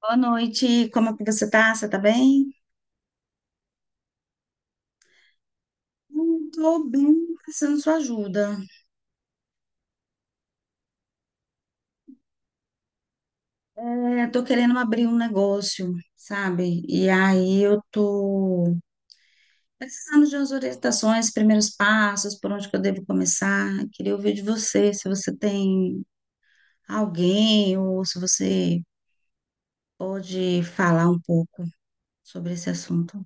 Boa noite, como é que você tá? Você tá bem? Tô bem, precisando de sua ajuda. É, tô querendo abrir um negócio, sabe? E aí eu tô precisando de umas orientações, primeiros passos, por onde que eu devo começar. Queria ouvir de você, se você tem alguém ou se você pode falar um pouco sobre esse assunto.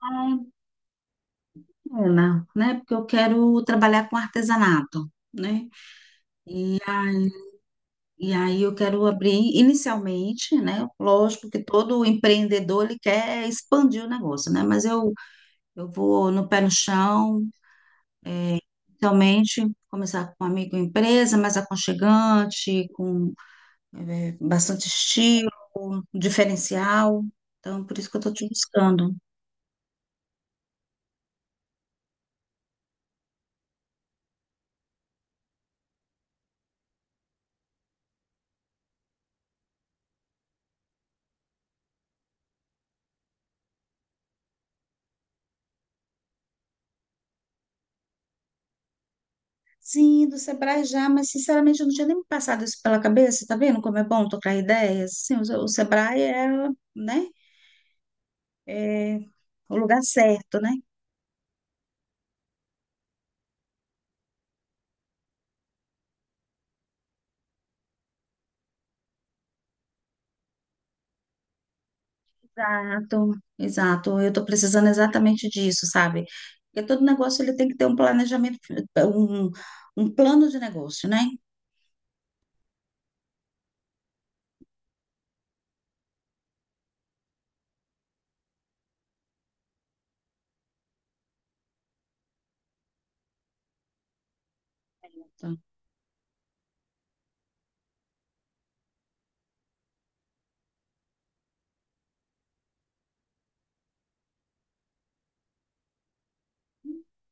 Ah, é, né? Porque eu quero trabalhar com artesanato, né? E aí eu quero abrir inicialmente, né? Lógico que todo empreendedor ele quer expandir o negócio, né? Mas eu vou no pé no chão, realmente começar com uma microempresa mais aconchegante, com bastante estilo, diferencial. Então, por isso que eu estou te buscando. Sim, do Sebrae já, mas sinceramente eu não tinha nem me passado isso pela cabeça, tá vendo como é bom trocar ideias? Sim, o Sebrae é, né? É o lugar certo, né? Exato, exato. Eu estou precisando exatamente disso, sabe? Porque todo negócio ele tem que ter um planejamento, um, um plano de negócio, né? Então,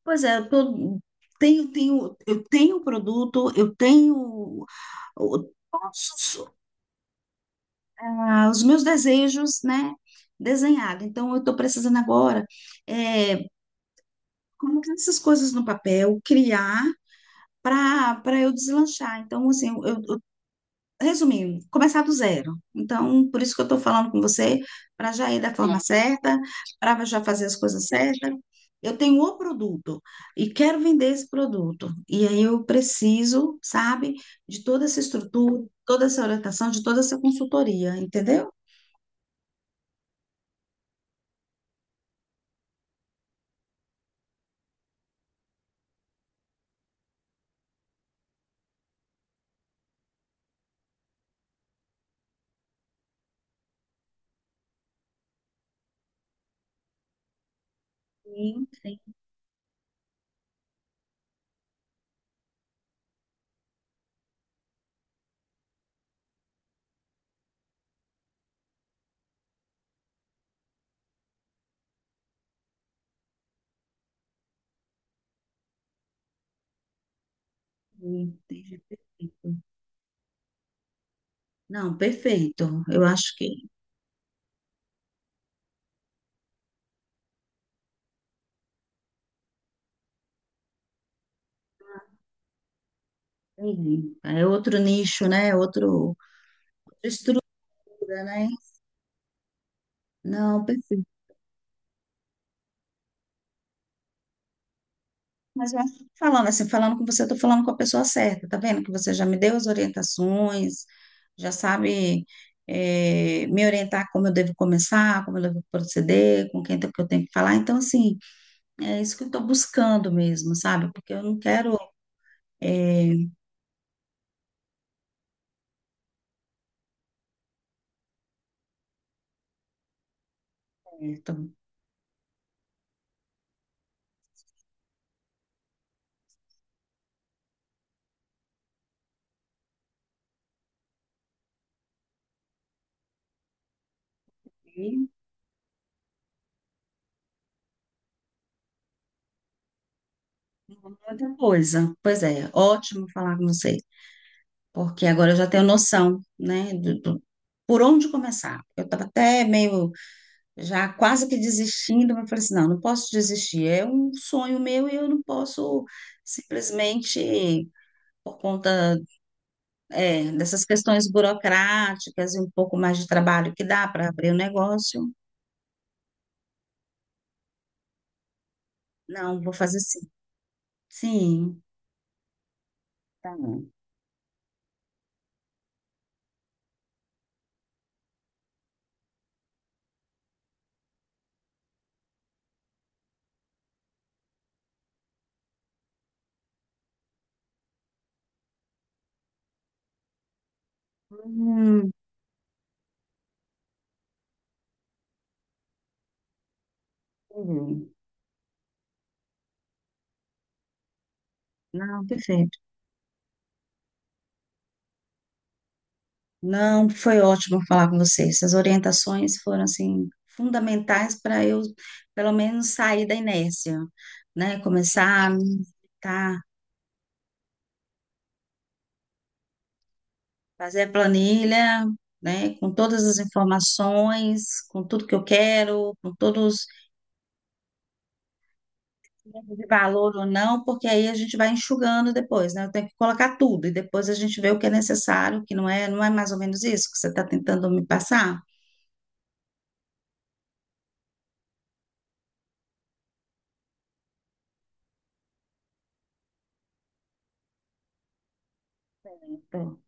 pois é, tenho, eu tenho o produto, eu tenho todos os, os meus desejos, né? Desenhado. Então, eu estou precisando agora é, colocar essas coisas no papel, criar para eu deslanchar. Então, assim, eu, resumindo, começar do zero. Então, por isso que eu estou falando com você, para já ir da forma certa, para já fazer as coisas certas. Eu tenho o produto e quero vender esse produto. E aí eu preciso, sabe, de toda essa estrutura, toda essa orientação, de toda essa consultoria, entendeu? Sim, entendi, entendi, perfeito. Não, perfeito. Eu acho que entendi. É outro nicho, né? É outro, outra estrutura, né? Não, perfeito. Mas eu acho que falando assim, falando com você, eu tô falando com a pessoa certa, tá vendo? Que você já me deu as orientações, já sabe, me orientar como eu devo começar, como eu devo proceder, com quem que eu tenho que falar. Então, assim, é isso que eu estou buscando mesmo, sabe? Porque eu não quero, eh, então, muita coisa. Pois é, ótimo falar com você, porque agora eu já tenho noção, né, por onde começar. Eu estava até meio já quase que desistindo, mas eu falei assim, não, não posso desistir, é um sonho meu e eu não posso simplesmente, por conta, é, dessas questões burocráticas e um pouco mais de trabalho que dá para abrir o negócio, não, vou fazer sim. Sim, tá bom. Hum, entendi. Não, perfeito. Não, foi ótimo falar com você. Essas orientações foram, assim, fundamentais para eu, pelo menos, sair da inércia, né? Começar a me tá fazer a planilha, né, com todas as informações, com tudo que eu quero, com todos os de valor ou não, porque aí a gente vai enxugando depois, né? Eu tenho que colocar tudo e depois a gente vê o que é necessário, o que não é, não é mais ou menos isso que você está tentando me passar? Então,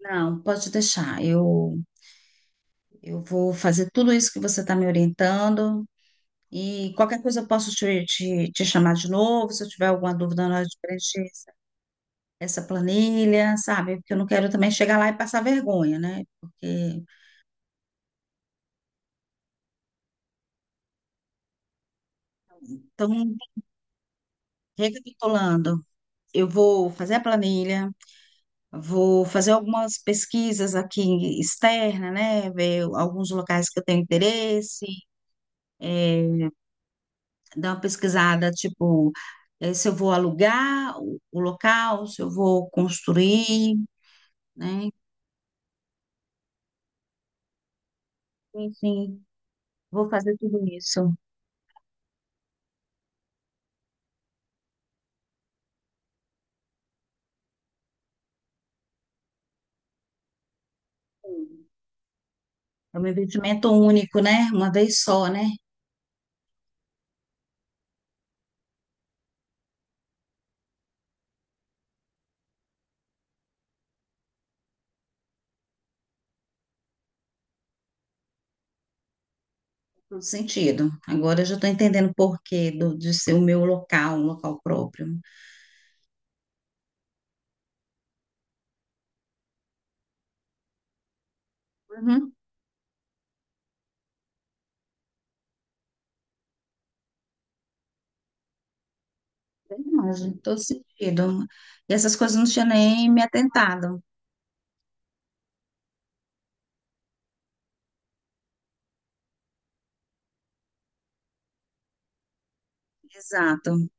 não, pode deixar. Eu vou fazer tudo isso que você está me orientando e qualquer coisa eu posso te, te chamar de novo, se eu tiver alguma dúvida na hora de preencher. Essa planilha, sabe? Porque eu não quero também chegar lá e passar vergonha, né? Porque, então, recapitulando, eu vou fazer a planilha, vou fazer algumas pesquisas aqui externa, né? Ver alguns locais que eu tenho interesse, é, dar uma pesquisada, tipo, se eu vou alugar o local, se eu vou construir, né? Enfim, vou fazer tudo isso. É um investimento único, né? Uma vez só, né? Todo sentido. Agora eu já estou entendendo o porquê do, de ser o meu local, um local próprio. Uhum, bem imagem, todo sentido. E essas coisas eu não tinha nem me atentado. Exato,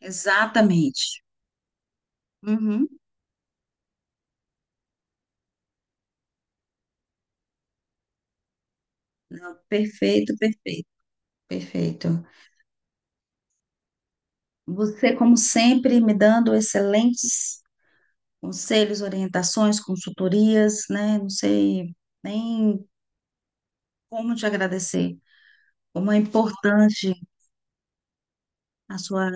exatamente. Uhum. Não, perfeito, perfeito, perfeito. Você, como sempre, me dando excelentes conselhos, orientações, consultorias, né? Não sei nem como te agradecer. Como é importante a sua.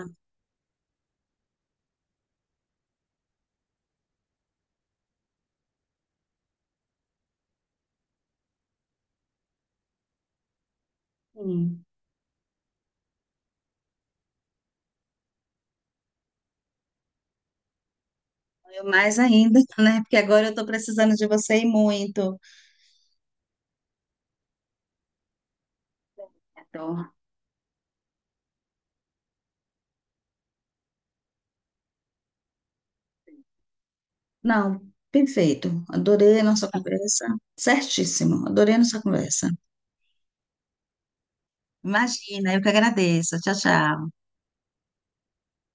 Sim. Eu mais ainda, né? Porque agora eu estou precisando de você e muito. Então, não, perfeito. Adorei a nossa conversa. Certíssimo, adorei a nossa conversa. Imagina, eu que agradeço. Tchau, tchau.